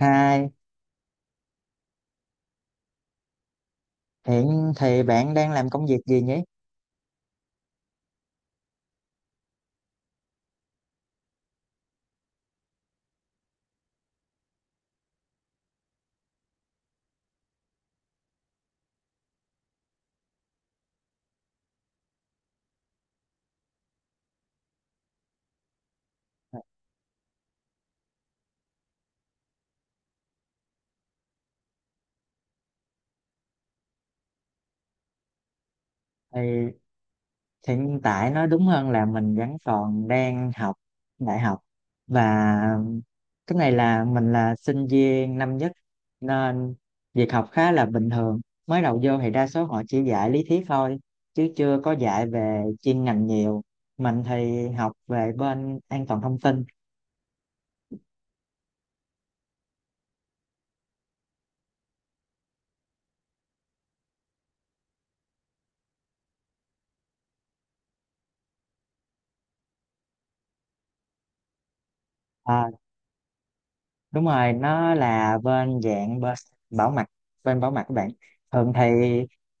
Hai, hiện thì bạn đang làm công việc gì nhỉ? Thì hiện tại nói đúng hơn là mình vẫn còn đang học đại học, và cái này là mình là sinh viên năm nhất nên việc học khá là bình thường. Mới đầu vô thì đa số họ chỉ dạy lý thuyết thôi chứ chưa có dạy về chuyên ngành nhiều. Mình thì học về bên an toàn thông tin. À, Đúng rồi, nó là bên dạng bảo mật. Bên bảo mật các bạn, thường thì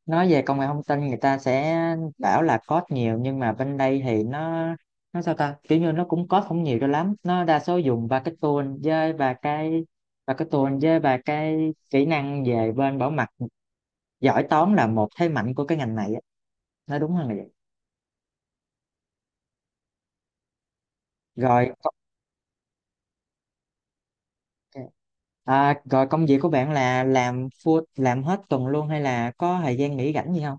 nói về công nghệ thông tin người ta sẽ bảo là code nhiều, nhưng mà bên đây thì nó sao ta, kiểu như nó cũng code không nhiều cho lắm, nó đa số dùng ba cái tool với và cái tool với và cái kỹ năng về bên bảo mật. Giỏi toán là một thế mạnh của cái ngành này á, nói đúng hơn là vậy. Rồi, ok. Rồi công việc của bạn là làm full, làm hết tuần luôn hay là có thời gian nghỉ rảnh gì không?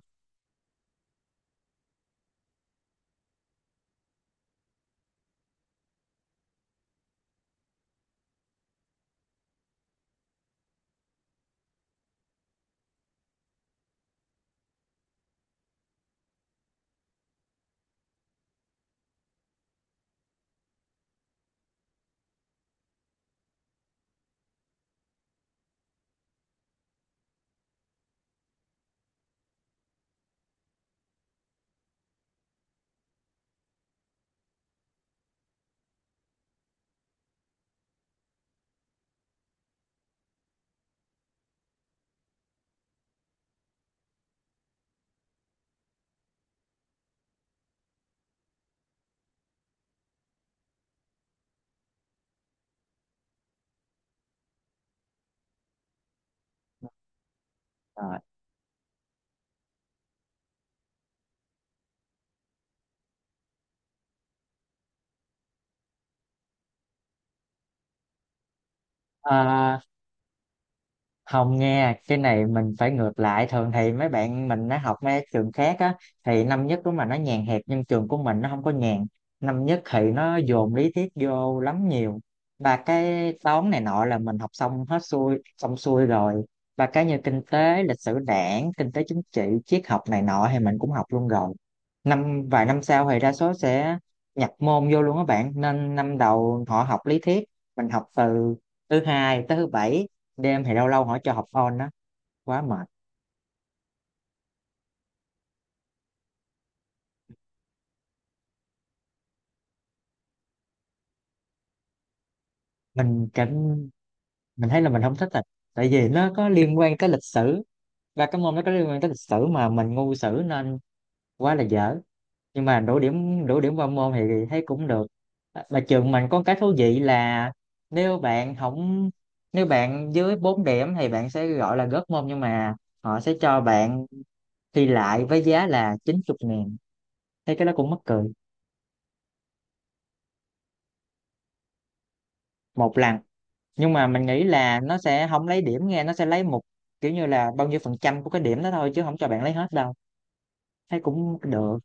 Rồi. Không, nghe cái này mình phải ngược lại. Thường thì mấy bạn mình nó học mấy trường khác á thì năm nhất đúng là nó nhàn hẹp, nhưng trường của mình nó không có nhàn. Năm nhất thì nó dồn lý thuyết vô lắm nhiều, và cái toán này nọ là mình học xong hết xuôi xong xuôi rồi, và cái như kinh tế, lịch sử đảng, kinh tế chính trị, triết học này nọ thì mình cũng học luôn rồi. Năm vài năm sau thì đa số sẽ nhập môn vô luôn các bạn, nên năm đầu họ học lý thuyết. Mình học từ thứ hai tới thứ bảy, đêm thì lâu lâu họ cho học on đó, quá mệt. mình cảm mình thấy là mình không thích thật, tại vì nó có liên quan tới lịch sử, và cái môn nó có liên quan tới lịch sử mà mình ngu sử nên quá là dở. Nhưng mà đủ điểm, đủ điểm qua môn thì thấy cũng được. À, mà trường mình có cái thú vị là nếu bạn không nếu bạn dưới 4 điểm thì bạn sẽ gọi là gớt môn, nhưng mà họ sẽ cho bạn thi lại với giá là 90.000, thấy cái đó cũng mắc cười. Một lần, nhưng mà mình nghĩ là nó sẽ không lấy điểm nghe, nó sẽ lấy một kiểu như là bao nhiêu phần trăm của cái điểm đó thôi chứ không cho bạn lấy hết đâu, thấy cũng được.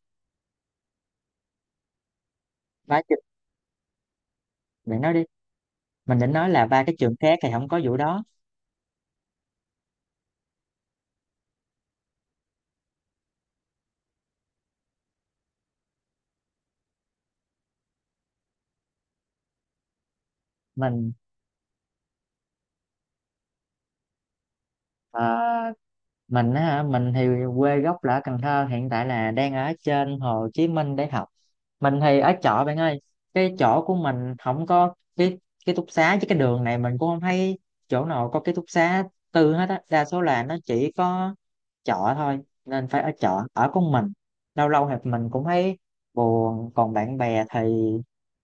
ba chữ- Bạn nói đi. Mình định nói là ba cái trường khác thì không có vụ đó. mình ờ, mình á hả, mình thì quê gốc là ở Cần Thơ, hiện tại là đang ở trên Hồ Chí Minh để học. Mình thì ở chợ bạn ơi, cái chỗ của mình không có cái ký túc xá, chứ cái đường này mình cũng không thấy chỗ nào có ký túc xá tư hết á, đa số là nó chỉ có chợ thôi nên phải ở chợ ở con. Mình lâu lâu thì mình cũng thấy buồn. Còn bạn bè thì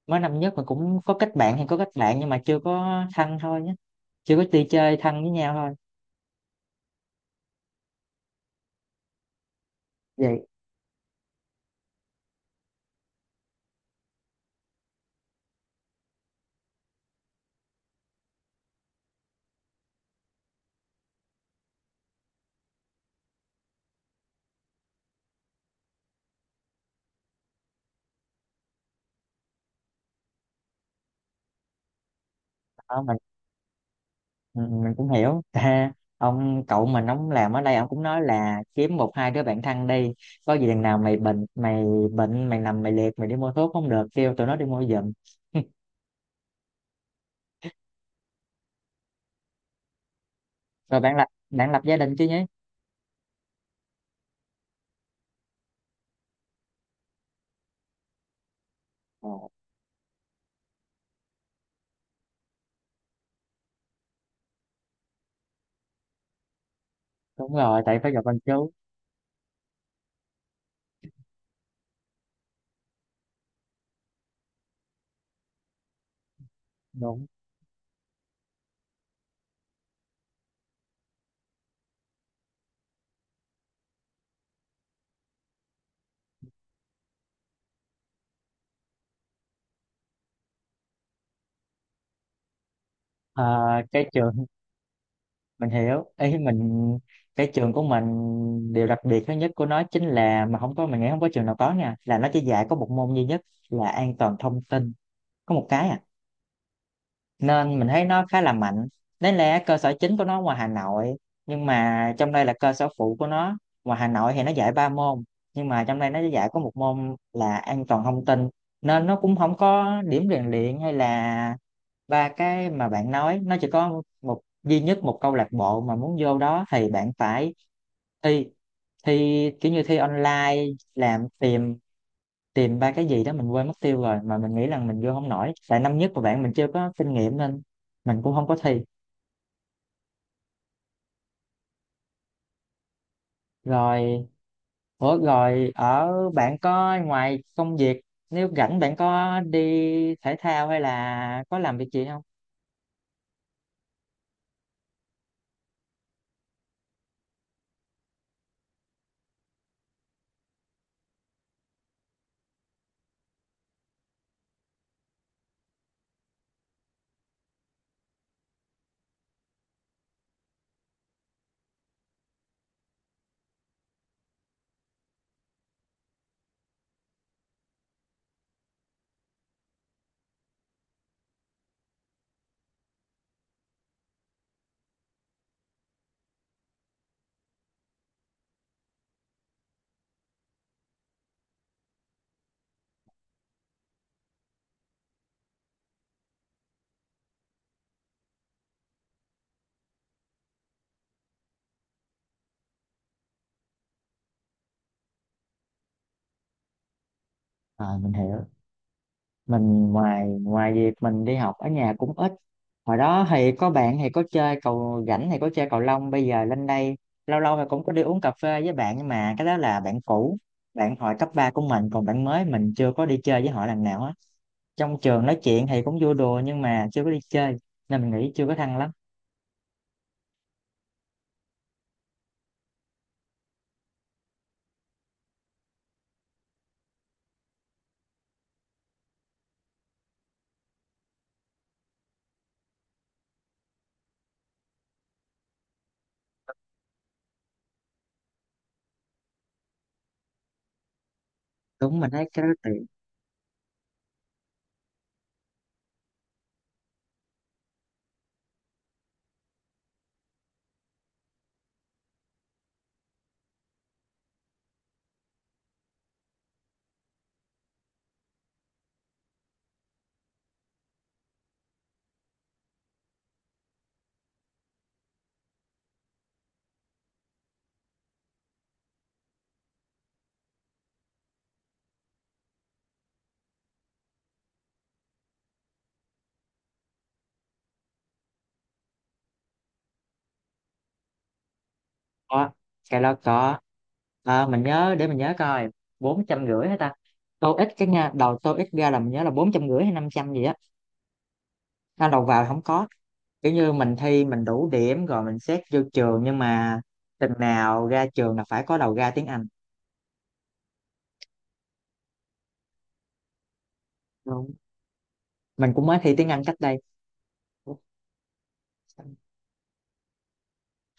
mới năm nhất mình cũng có kết bạn, nhưng mà chưa có thân thôi nhé, chưa có đi chơi thân với nhau thôi. Vậy. Ừ, mình cũng hiểu ha. Ông cậu mình, ông làm ở đây, ông cũng nói là kiếm một hai đứa bạn thân đi, có gì đằng nào mày bệnh, mày nằm mày liệt mày đi mua thuốc không được, kêu tụi nó đi mua giùm. Rồi bạn lập gia đình chứ nhé. Ờ, đúng rồi, tại phải gặp anh chú. Đúng. Ờ, cái trường mình hiểu ý mình. Cái trường của mình, điều đặc biệt thứ nhất của nó chính là, mà không có, mình nghĩ không có trường nào có nha, là nó chỉ dạy có một môn duy nhất là an toàn thông tin. Có một cái à, nên mình thấy nó khá là mạnh. Đấy là cơ sở chính của nó ngoài Hà Nội, nhưng mà trong đây là cơ sở phụ của nó. Ngoài Hà Nội thì nó dạy ba môn, nhưng mà trong đây nó dạy có một môn là an toàn thông tin. Nên nó cũng không có điểm rèn luyện hay là ba cái mà bạn nói, nó chỉ có một duy nhất một câu lạc bộ. Mà muốn vô đó thì bạn phải thi, thi kiểu như thi online, làm tìm tìm ba cái gì đó, mình quên mất tiêu rồi. Mà mình nghĩ rằng mình vô không nổi, tại năm nhất của bạn mình chưa có kinh nghiệm nên mình cũng không có thi. Rồi. Ủa rồi ở bạn có, ngoài công việc, nếu rảnh bạn có đi thể thao hay là có làm việc gì không? À mình hiểu. Mình ngoài ngoài việc mình đi học, ở nhà cũng ít. Hồi đó thì có bạn thì có chơi cầu, rảnh thì có chơi cầu lông, bây giờ lên đây lâu lâu thì cũng có đi uống cà phê với bạn, nhưng mà cái đó là bạn cũ, bạn hồi cấp 3 của mình. Còn bạn mới mình chưa có đi chơi với họ lần nào á. Trong trường nói chuyện thì cũng vui đùa nhưng mà chưa có đi chơi, nên mình nghĩ chưa có thân lắm. Đúng, mình thấy cái đó tiện. Có, cái đó có. Ờ, mình nhớ để mình nhớ coi, 450 hả ta? Tô ít cái nha, đầu tô ít ra là mình nhớ là 450 hay 500 gì á. Nó đầu vào không có, kiểu như mình thi mình đủ điểm rồi mình xét vô trường, nhưng mà tình nào ra trường là phải có đầu ra tiếng Anh, đúng không? Mình cũng mới thi tiếng Anh cách đây.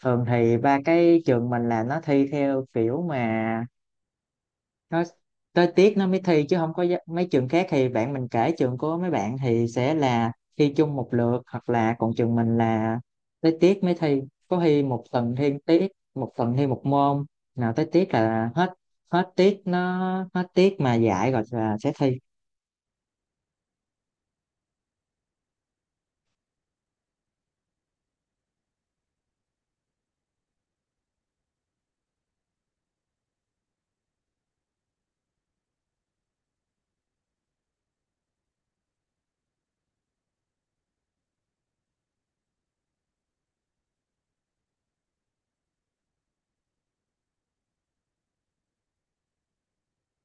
Thường thì ba cái trường mình là nó thi theo kiểu mà nó tới tiết nó mới thi, chứ không có mấy trường khác thì bạn mình kể trường của mấy bạn thì sẽ là thi chung một lượt, hoặc là, còn trường mình là tới tiết mới thi. Có thi một tuần thi một tiết, một tuần thi một môn, nào tới tiết là hết, hết tiết nó, hết tiết mà dạy rồi là sẽ thi.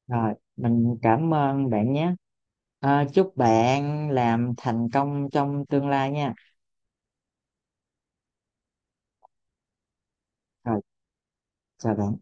Rồi mình cảm ơn bạn nhé. À, chúc bạn làm thành công trong tương lai nha. Rồi, chào bạn.